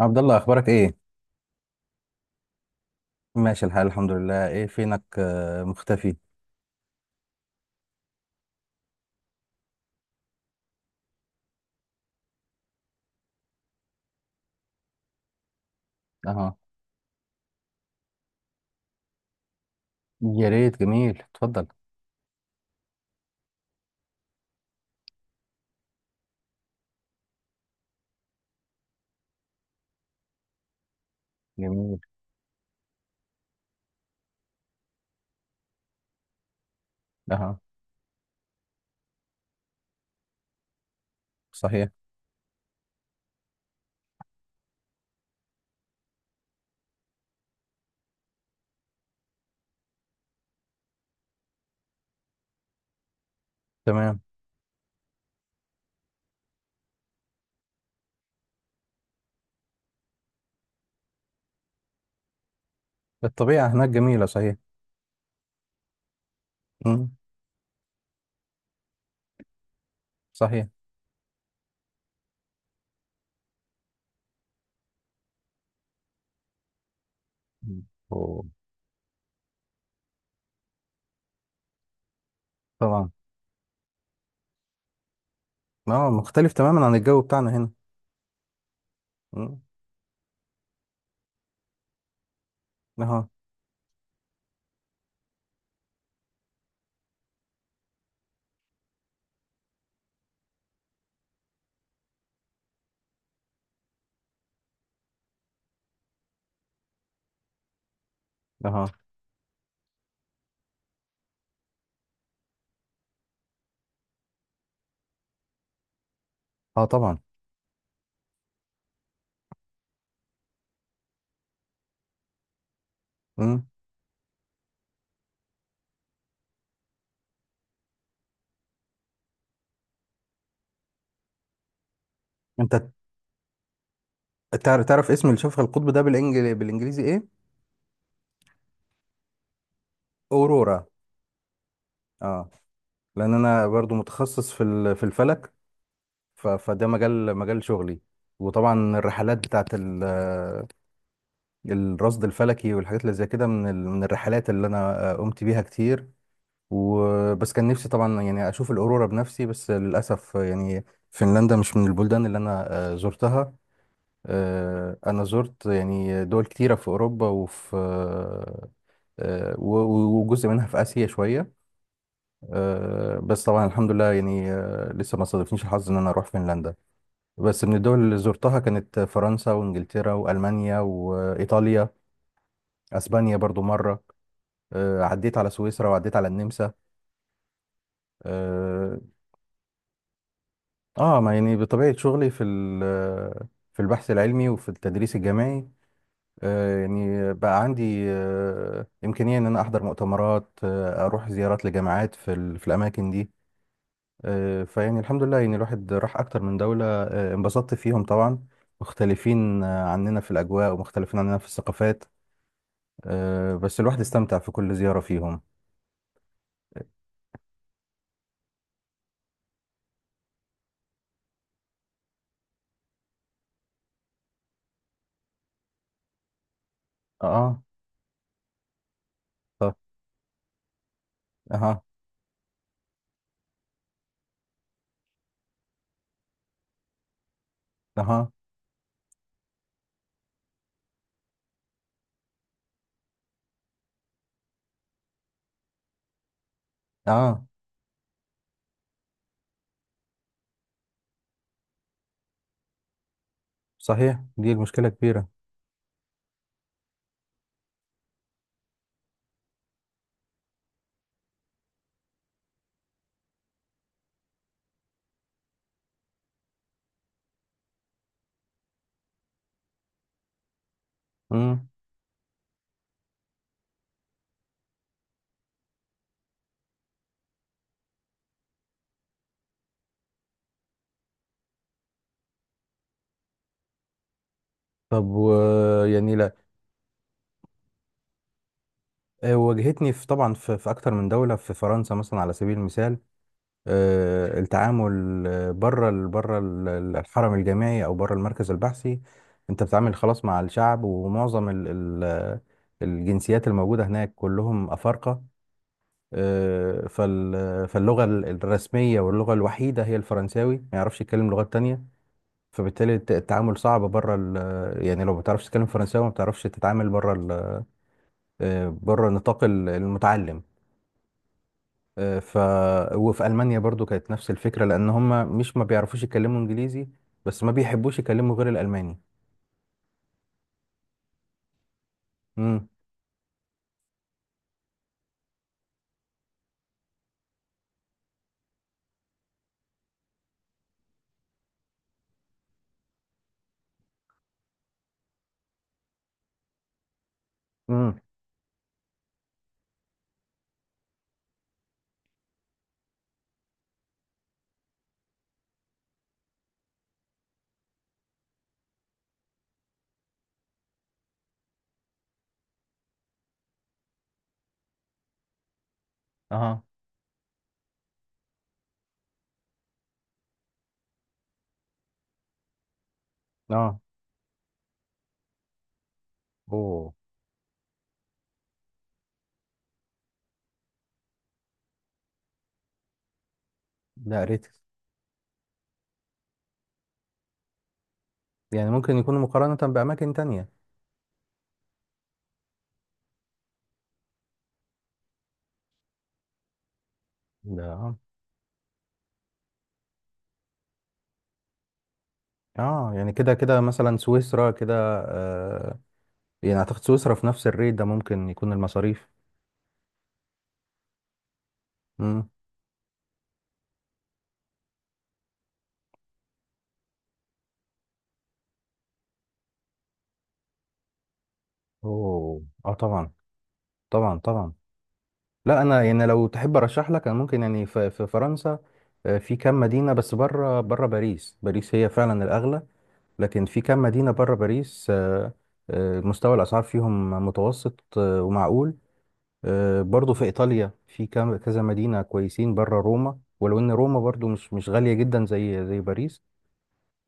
عبد الله، اخبارك ايه؟ ماشي الحال، الحمد لله. ايه فينك؟ مختفي. اها. يا ريت، جميل، اتفضل. جميل. اها. صحيح. تمام. الطبيعة هناك جميلة، صحيح. مم. صحيح. مم. أوه. طبعا. اه، مختلف تماما عن الجو بتاعنا هنا. مم. اها. اها. اه، طبعا. مم. انت، تعرف اسم الشفق القطب ده بالانجليزي ايه؟ اورورا. اه. لان انا برضو متخصص في الفلك. فده مجال شغلي. وطبعا الرحلات بتاعت الرصد الفلكي والحاجات اللي زي كده من الرحلات اللي انا قمت بيها كتير. وبس كان نفسي طبعا، يعني اشوف الاورورا بنفسي، بس للاسف، يعني فنلندا مش من البلدان اللي انا زرتها. انا زرت يعني دول كتيره في اوروبا وفي، آه، وجزء منها في اسيا شويه. بس طبعا الحمد لله، يعني لسه ما صادفنيش الحظ ان انا اروح فنلندا. بس من الدول اللي زرتها كانت فرنسا وانجلترا والمانيا وايطاليا. اسبانيا برضو مره. عديت على سويسرا وعديت على النمسا. اه. ما يعني، بطبيعه شغلي في البحث العلمي وفي التدريس الجامعي، يعني بقى عندي امكانيه ان انا احضر مؤتمرات، اروح زيارات لجامعات في الاماكن دي. فيعني الحمد لله، يعني الواحد راح اكتر من دوله، انبسطت فيهم طبعا. مختلفين عننا في الاجواء، ومختلفين عننا في الثقافات. بس الواحد استمتع في كل زيارة فيهم. اه. طب. اها. اها. اه، صحيح، دي المشكلة كبيرة. امم. طب. يعني لا، واجهتني، في، طبعا، في اكتر من دولة، في فرنسا مثلا على سبيل المثال. التعامل بره الحرم الجامعي او بره المركز البحثي، انت بتتعامل خلاص مع الشعب، ومعظم ال ال الجنسيات الموجودة هناك كلهم أفارقة. فاللغة الرسمية واللغة الوحيدة هي الفرنساوي، ما يعرفش يتكلم لغات تانية. فبالتالي التعامل صعب بره يعني لو ما بتعرفش تتكلم فرنساوي، ما بتعرفش تتعامل بره، بره نطاق المتعلم. آه، ف وفي ألمانيا برضو كانت نفس الفكرة، لأن هم مش ما بيعرفوش يتكلموا إنجليزي، بس ما بيحبوش يتكلموا غير الألماني. امم. امم. اها. اه. اوه. ده قريت. يعني ممكن يكونوا مقارنة بأماكن تانية. ده اه، يعني كده كده مثلا سويسرا كده. آه يعني اعتقد سويسرا في نفس الريت ده، ممكن يكون المصاريف. امم. اوه، اه، طبعا. طبعا، طبعا. لا، انا يعني لو تحب ارشح لك، انا ممكن يعني في فرنسا. في كام مدينة، بس بره باريس. باريس هي فعلا الاغلى. لكن في كام مدينة بره باريس. مستوى الاسعار فيهم متوسط، ومعقول. برضو في ايطاليا في كام كذا مدينة كويسين بره روما، ولو ان روما برضو مش غالية جدا زي باريس.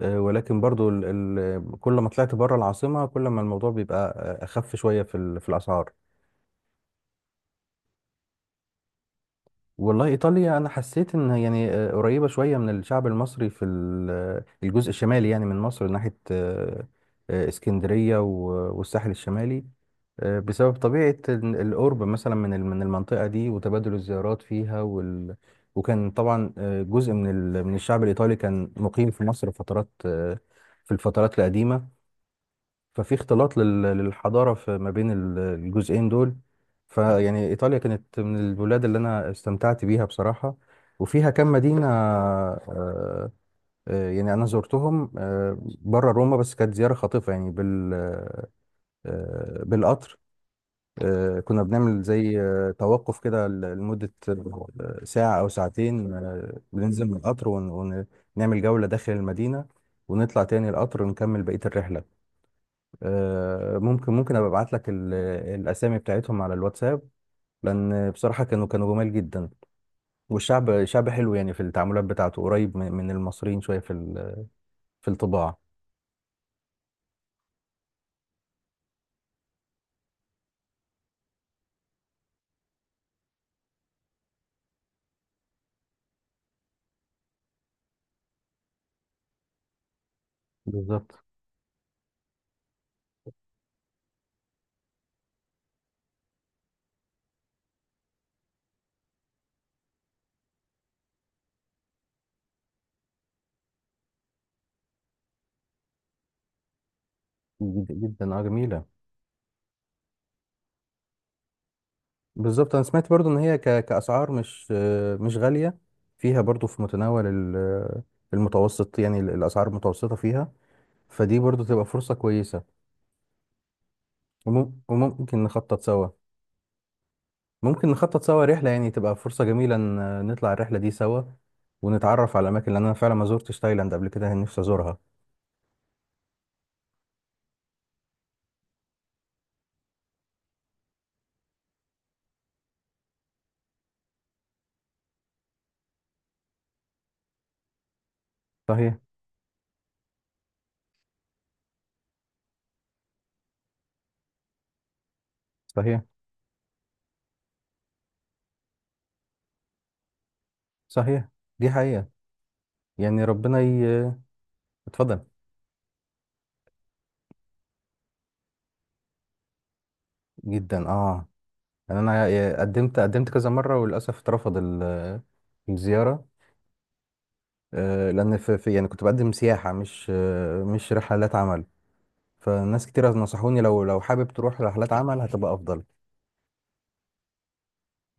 ولكن برضو ال ال كل ما طلعت بره العاصمة، كل ما الموضوع بيبقى أخف شوية في الأسعار. والله، إيطاليا أنا حسيت إن، يعني، قريبة شوية من الشعب المصري في ال- آه، الجزء الشمالي، يعني من مصر، ناحية اسكندرية والساحل الشمالي. بسبب طبيعة القرب مثلا من المنطقة دي، وتبادل الزيارات فيها، وكان طبعا، جزء من الشعب الإيطالي كان مقيم في مصر فترات، في الفترات القديمة. ففي اختلاط للحضارة في ما بين الجزئين دول. فيعني إيطاليا كانت من البلاد اللي أنا استمتعت بيها بصراحة. وفيها كم مدينة، يعني أنا زرتهم، بره روما، بس كانت زيارة خاطفة يعني بالقطر. كنا بنعمل زي توقف كده، لمدة ساعة أو ساعتين، بننزل من القطر ونعمل جولة داخل المدينة، ونطلع تاني القطر ونكمل بقية الرحلة. ممكن ابقى ابعت لك الاسامي بتاعتهم على الواتساب، لان بصراحه كانوا جمال جدا. والشعب شعب حلو، يعني في التعاملات بتاعته قريب من المصريين شويه في الطباع. بالظبط. جدا، اه، جميله. بالظبط، انا سمعت برضو ان هي، كاسعار، مش غاليه، فيها برضو في متناول المتوسط، يعني الاسعار المتوسطه فيها. فدي برضو تبقى فرصه كويسه. وممكن نخطط سوا. ممكن نخطط سوا رحلة، يعني تبقى فرصة جميلة إن نطلع الرحلة دي سوا، ونتعرف على الأماكن، لأن أنا فعلا ما زرتش تايلاند قبل كده، يعني نفسي أزورها. صحيح. صحيح. صحيح، دي حقيقة. يعني ربنا. اتفضل. جدا، اه. يعني أنا قدمت كذا مرة، وللأسف اترفض الزيارة، لأن في، يعني، كنت بقدم سياحة، مش رحلات عمل. فناس كتير نصحوني، لو حابب تروح رحلات عمل، هتبقى أفضل.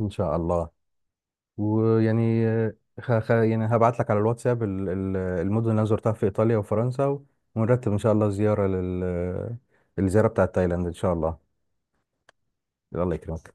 إن شاء الله. ويعني يعني هبعت لك على الواتساب المدن اللي انا زرتها في ايطاليا وفرنسا، ونرتب ان شاء الله زياره، الزياره بتاعت تايلاند ان شاء الله. الله يكرمك.